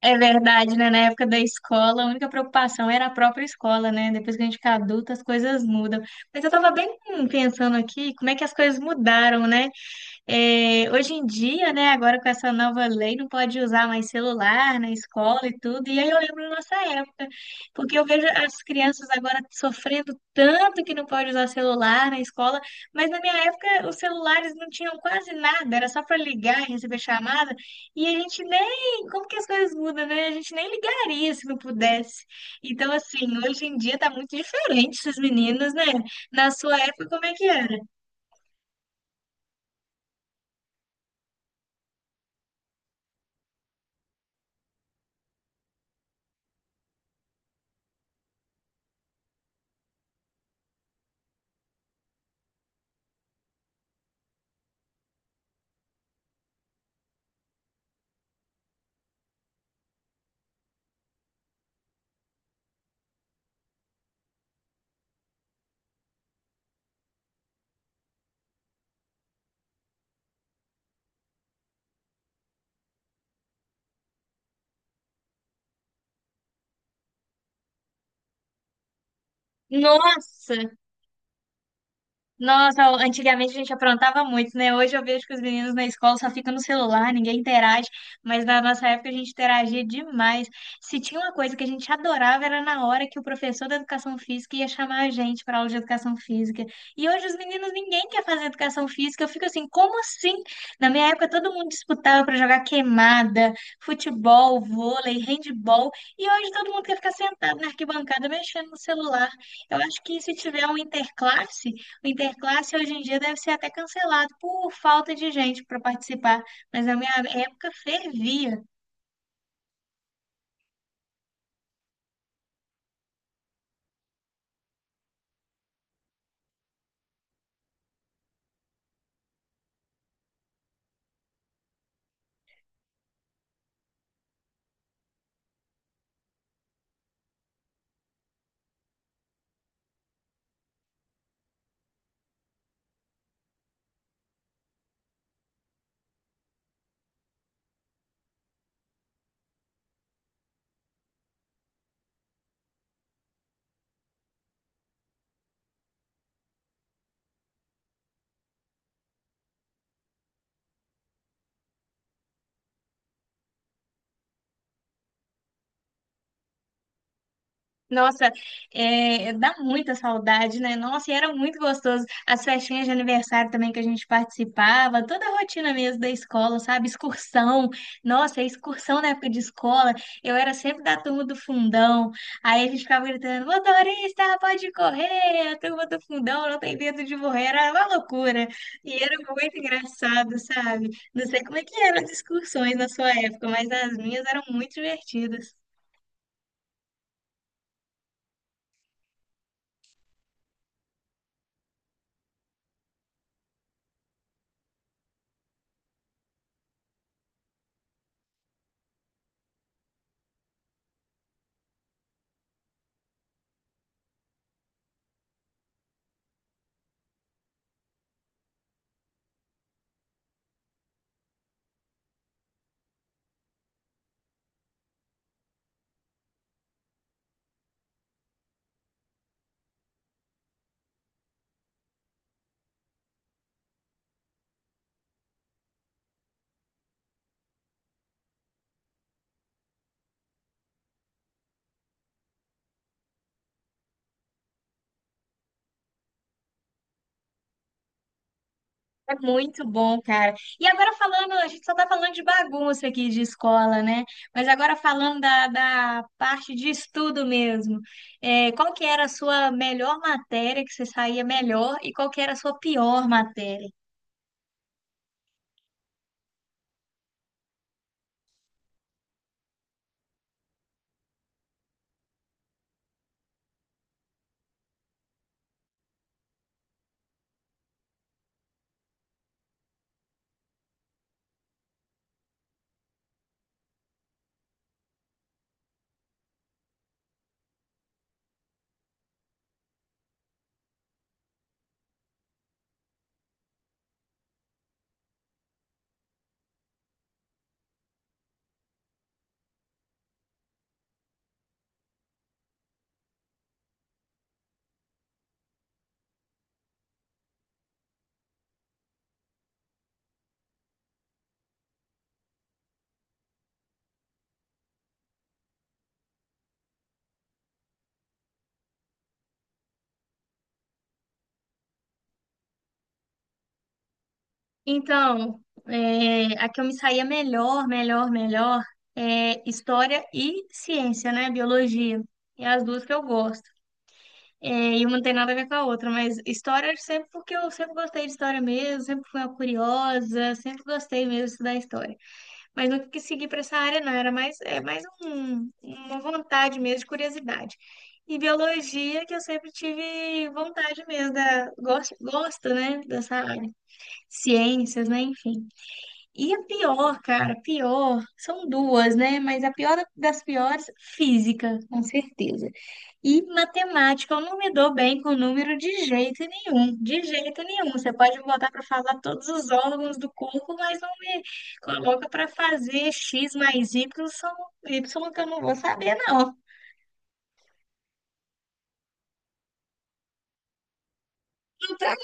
É verdade, né? Na época da escola, a única preocupação era a própria escola, né? Depois que a gente fica adulta, as coisas mudam. Mas eu tava bem pensando aqui como é que as coisas mudaram, né? É, hoje em dia, né, agora com essa nova lei, não pode usar mais celular na escola e tudo. E aí eu lembro da nossa época, porque eu vejo as crianças agora sofrendo tanto que não pode usar celular na escola, mas na minha época os celulares não tinham quase nada, era só para ligar e receber chamada. E a gente nem, como que as coisas mudam, né? A gente nem ligaria se não pudesse. Então, assim, hoje em dia tá muito diferente esses meninos, né? Na sua época, como é que era? Nossa! Nossa, antigamente a gente aprontava muito, né? Hoje eu vejo que os meninos na escola só ficam no celular, ninguém interage, mas na nossa época a gente interagia demais. Se tinha uma coisa que a gente adorava era na hora que o professor da educação física ia chamar a gente para aula de educação física. E hoje os meninos ninguém quer fazer educação física. Eu fico assim, como assim? Na minha época todo mundo disputava para jogar queimada, futebol, vôlei, handball, e hoje todo mundo quer ficar sentado na arquibancada mexendo no celular. Eu acho que se tiver um interclasse o Interclasse hoje em dia deve ser até cancelado por falta de gente para participar, mas na minha época fervia. Nossa, é, dá muita saudade, né? Nossa, e era muito gostoso. As festinhas de aniversário também que a gente participava, toda a rotina mesmo da escola, sabe? Excursão. Nossa, a excursão na época de escola, eu era sempre da turma do fundão. Aí a gente ficava gritando: motorista, pode correr! A turma do fundão não tem medo de morrer. Era uma loucura. E era muito engraçado, sabe? Não sei como é que eram as excursões na sua época, mas as minhas eram muito divertidas. É muito bom, cara. E agora falando, a gente só tá falando de bagunça aqui de escola, né? Mas agora falando da parte de estudo mesmo. É, qual que era a sua melhor matéria que você saía melhor e qual que era a sua pior matéria? Então, é, a que eu me saía melhor, melhor, melhor é história e ciência, né? Biologia. É as duas que eu gosto. É, e uma não tem nada a ver com a outra, mas história sempre porque eu sempre gostei de história mesmo, sempre fui uma curiosa, sempre gostei mesmo de estudar história. Mas nunca quis seguir para essa área, não, era mais, é mais uma vontade mesmo, de curiosidade. E biologia, que eu sempre tive vontade mesmo, da, gosto, gosto, né, dessa área. Ciências, né, enfim. E a pior, cara, a pior, são duas, né? Mas a pior das piores, física, com certeza. E matemática, eu não me dou bem com número de jeito nenhum, de jeito nenhum. Você pode me botar para falar todos os órgãos do corpo, mas não me coloca para fazer x mais y, são y que eu não vou saber, não. Não tá.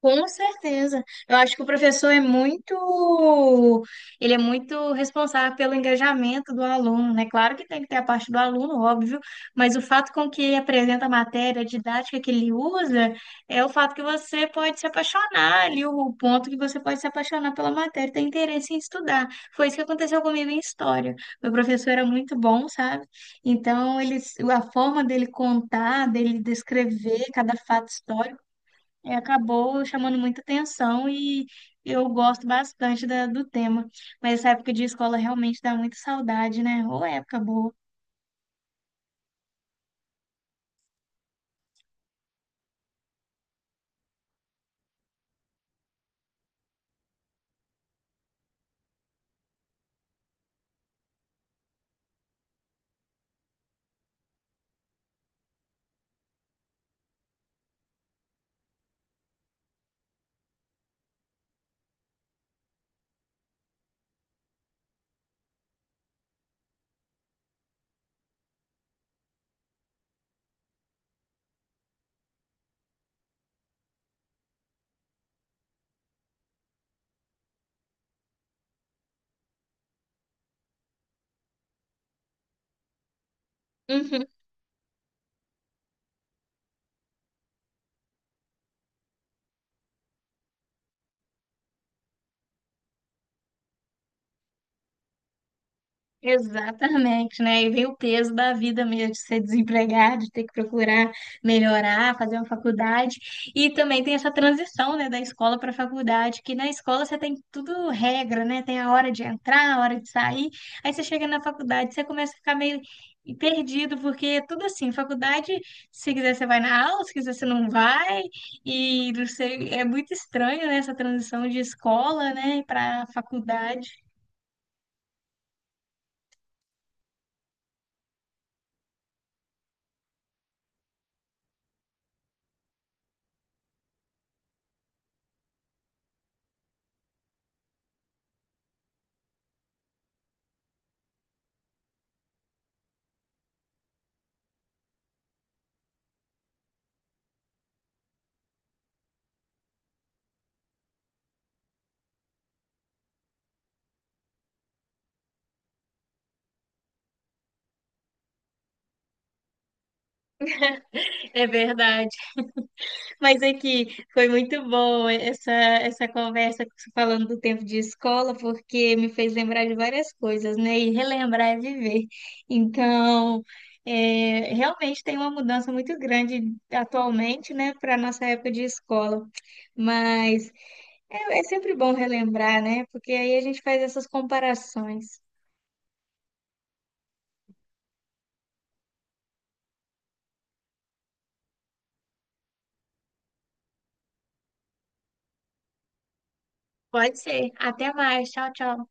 Com certeza. Eu acho que o professor é muito, ele é muito responsável pelo engajamento do aluno, né? Claro que tem que ter a parte do aluno, óbvio, mas o fato com que ele apresenta a matéria, a didática que ele usa, é o fato que você pode se apaixonar ali, o ponto que você pode se apaixonar pela matéria, ter interesse em estudar. Foi isso que aconteceu comigo em história. Meu professor era muito bom, sabe? Então, ele, a forma dele contar, dele descrever cada fato histórico é, acabou chamando muita atenção e eu gosto bastante do tema. Mas essa época de escola realmente dá muita saudade, né? Ou época boa. Uhum. Exatamente, né? E vem o peso da vida mesmo, de ser desempregado, de ter que procurar melhorar, fazer uma faculdade. E também tem essa transição, né, da escola para a faculdade, que na escola você tem tudo regra, né? Tem a hora de entrar, a hora de sair. Aí você chega na faculdade, você começa a ficar meio perdido, porque é tudo assim, faculdade, se quiser você vai na aula, se quiser você não vai. E não sei, é muito estranho, né, essa transição de escola, né, para faculdade. É verdade. Mas aqui foi muito bom essa conversa falando do tempo de escola, porque me fez lembrar de várias coisas, né? E relembrar é viver. Então, é, realmente tem uma mudança muito grande atualmente, né, para a nossa época de escola. Mas é, é sempre bom relembrar, né? Porque aí a gente faz essas comparações. Pode ser. Até mais. Tchau, tchau.